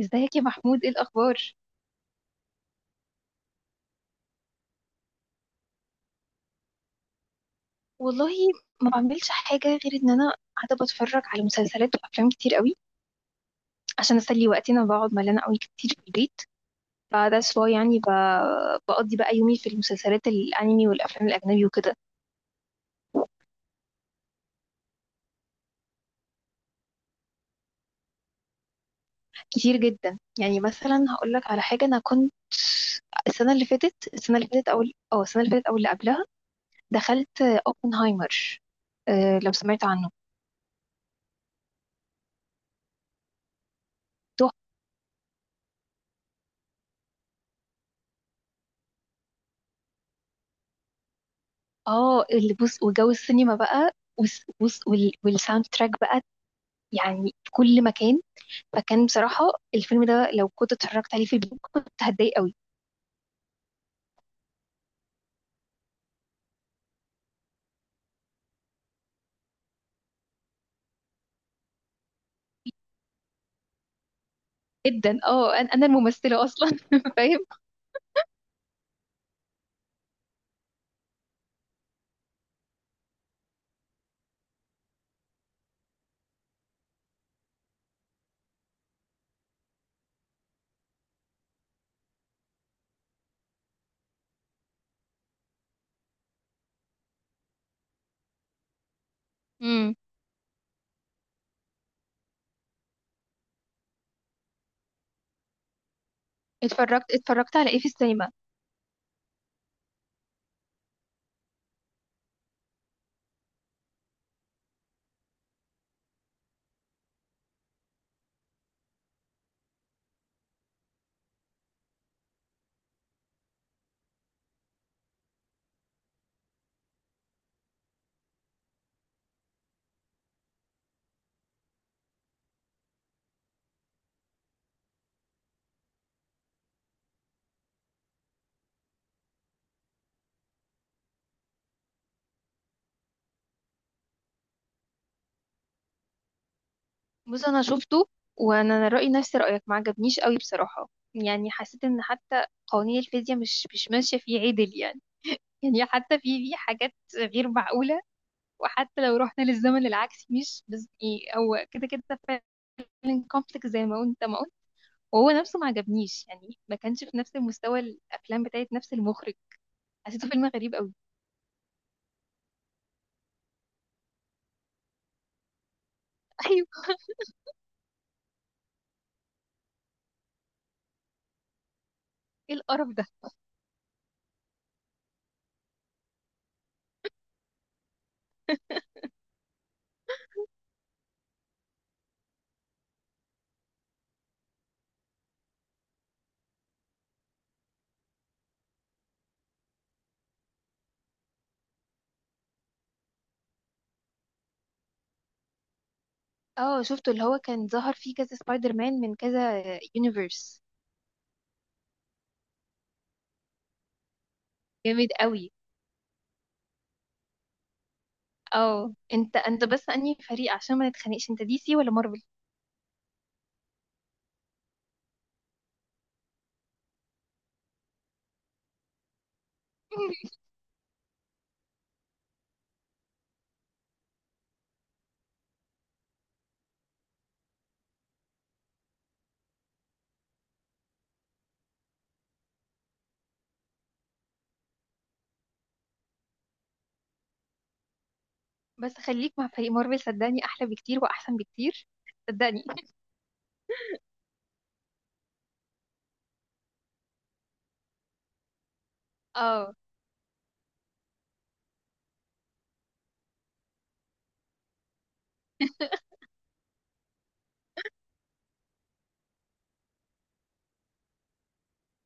ازيك يا محمود ايه الاخبار؟ والله ما بعملش حاجه غير ان انا قاعده بتفرج على مسلسلات وافلام كتير قوي عشان اسلي وقتي. انا بقعد ملانه قوي كتير في البيت، فده واي يعني بقضي بقى يومي في المسلسلات الانمي والافلام الاجنبي وكده. كتير جدا. يعني مثلا هقول لك على حاجه، انا كنت السنه اللي فاتت او اللي قبلها دخلت اوبنهايمر. أه، لو سمعت عنه. تحفة. اه، اللي بص وجو السينما بقى، والساوند تراك بقى يعني في كل مكان، فكان بصراحة الفيلم ده لو كنت اتفرجت عليه في البيت كنت هتضايق قوي. جدا. اه، انا الممثلة اصلا فاهم. امم اتفرجت على ايه في السينما؟ بص، انا شفته وانا رأيي نفس رأيك، ما عجبنيش قوي بصراحة. يعني حسيت ان حتى قوانين الفيزياء مش ماشية فيه عدل يعني. يعني حتى في حاجات غير معقولة، وحتى لو رحنا للزمن العكسي مش بس ايه، هو كده كده فعلا كومبلكس زي ما انت ما. وهو نفسه ما عجبنيش، يعني ما كانش في نفس المستوى الافلام بتاعت نفس المخرج. حسيته فيلم غريب قوي. ايوه، ايه القرف ده. اه شفته، اللي هو كان ظهر فيه كذا سبايدر مان من كذا يونيفرس. جامد قوي. اه، انت بس انهي فريق عشان ما نتخانقش، انت دي سي ولا مارفل؟ بس خليك مع فريق مارفل، صدقني احلى بكتير واحسن بكتير. صدقني. اه،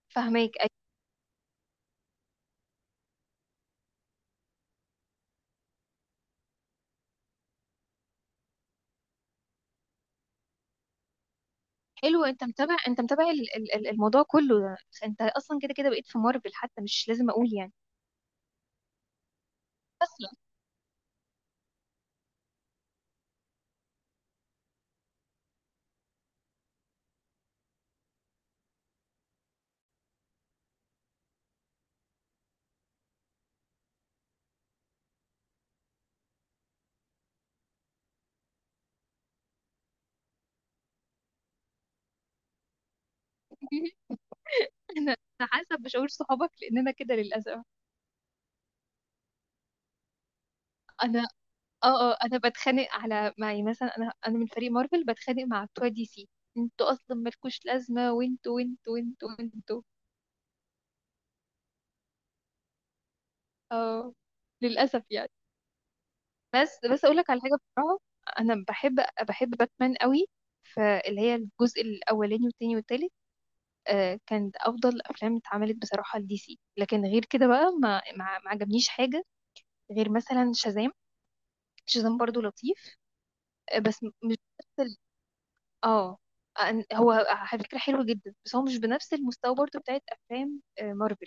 فهماك حلو. انت متابع، انت متابع الموضوع كله. انت اصلا كده كده بقيت في مارفل، حتى مش لازم اقول يعني. اصلا انا أنا حاسه بشعور صحابك لاننا كده للاسف. انا اه اه انا بتخانق على معي. مثلا انا من فريق مارفل بتخانق مع بتوع دي سي: انتوا اصلا مالكوش لازمه، وانتوا وانتوا وانتوا وانتوا. اه، للاسف يعني. بس بس اقول لك على حاجه بصراحه، انا بحب بحب باتمان قوي. فاللي هي الجزء الاولاني والتاني والتالت آه، كانت افضل افلام اتعملت بصراحه لدي سي. لكن غير كده بقى ما عجبنيش حاجه، غير مثلا شازام. شازام برضو لطيف. آه، بس مش، اه، هو على فكرة حلو جدا، بس هو مش بنفس المستوى برضو بتاعت افلام آه، مارفل.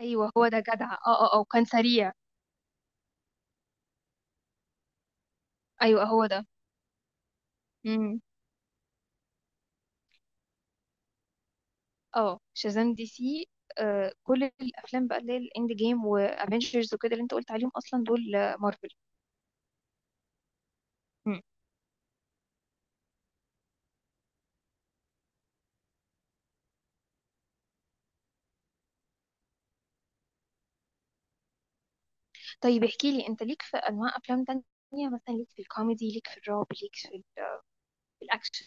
ايوه هو ده جدع، اه اه اه، وكان سريع. ايوه هو ده. امم اه، شازام دي سي. آه، كل الافلام بقى اللي هي الاند جيم وافنجرز وكده اللي انت قلت عليهم اصلا دول آه، مارفل. أمم. طيب احكي لي، انت ليك في انواع افلام تانية؟ مثلا ليك في الكوميدي، ليك في الرعب، ليك في في الاكشن؟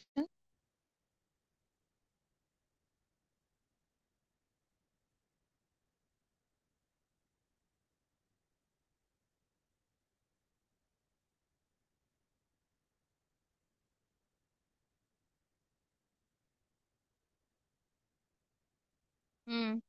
أمم.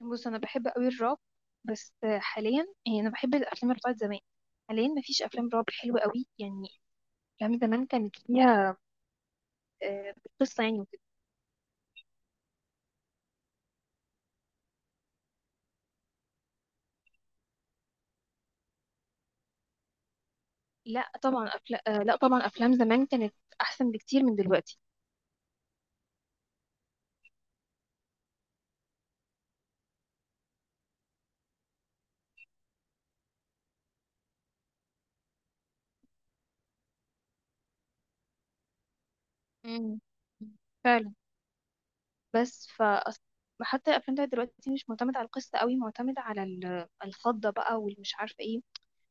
بص، انا بحب قوي الرعب، بس حاليا يعني انا بحب الافلام اللي بتاعت زمان. حاليا مفيش افلام رعب حلوه قوي يعني. افلام زمان كانت فيها آه، قصه يعني وكده. لا طبعا أفلا... آه، لا طبعا افلام زمان كانت احسن بكتير من دلوقتي. مم. فعلا. بس ف، حتى الافلام بتاعت دلوقتي مش معتمده على القصه قوي، معتمده على الخضه بقى والمش عارفه ايه.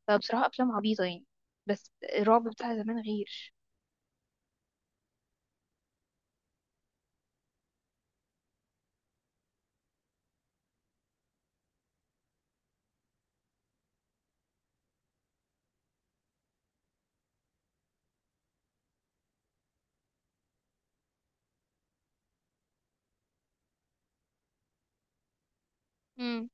فبصراحه افلام عبيطه يعني. بس الرعب بتاع زمان غير. مم.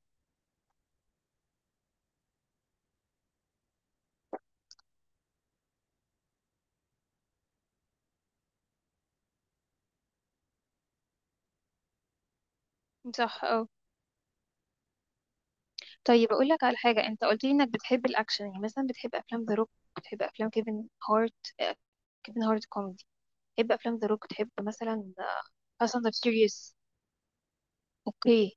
صح. طيب اقول لك على حاجه، انت قلت لي انك بتحب الاكشن، يعني مثلا بتحب افلام ذا روك، بتحب افلام كيفن هارت آه، كيفن هارت كوميدي، بتحب افلام ذا روك، بتحب مثلا فاست اند فيوريوس؟ اوكي.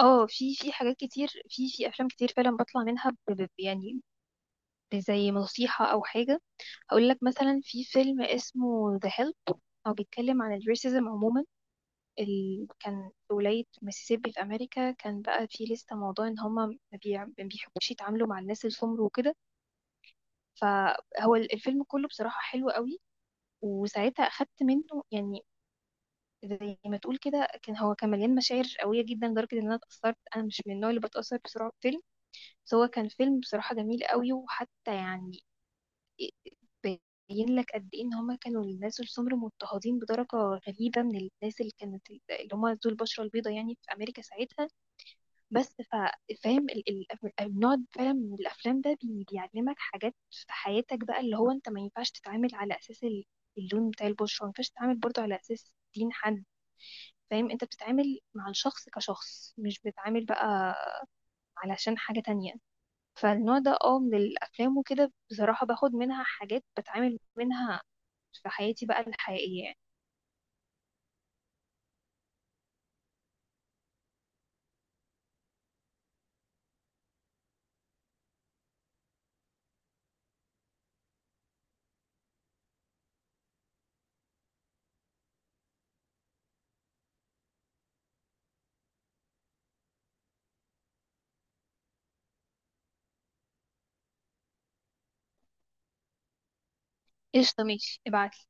اه، في حاجات كتير، في افلام كتير فعلا بطلع منها يعني زي نصيحه او حاجه. اقول لك مثلا في فيلم اسمه ذا هيلب، هو بيتكلم عن الريسيزم عموما. كان في ولاية ميسيسيبي في أمريكا، كان بقى في لسه موضوع إن هما ما بيحبوش يتعاملوا مع الناس السمر وكده. فهو الفيلم كله بصراحة حلو قوي، وساعتها أخدت منه يعني زي ما تقول كده. كان هو كان مليان مشاعر قوية جدا لدرجة إن أنا اتأثرت. أنا مش من النوع اللي بتأثر بسرعة بفيلم، بس هو كان فيلم بصراحة جميل قوي. وحتى يعني بين لك قد إيه إن هما كانوا الناس السمر مضطهدين بدرجة غريبة من الناس اللي كانت اللي هما ذو البشرة البيضاء يعني في أمريكا ساعتها. بس فاهم النوع فعلا من الافلام ده بيعلمك حاجات في حياتك بقى، اللي هو انت ما ينفعش تتعامل على اساس اللون بتاع البشره، ما ينفعش تتعامل برضه على اساس دين حد. فاهم، انت بتتعامل مع الشخص كشخص، مش بتتعامل بقى علشان حاجة تانية. فالنوع ده اه من الافلام وكده بصراحة باخد منها حاجات بتعامل منها في حياتي بقى الحقيقية يعني. قشطة ماشي ابعتلي.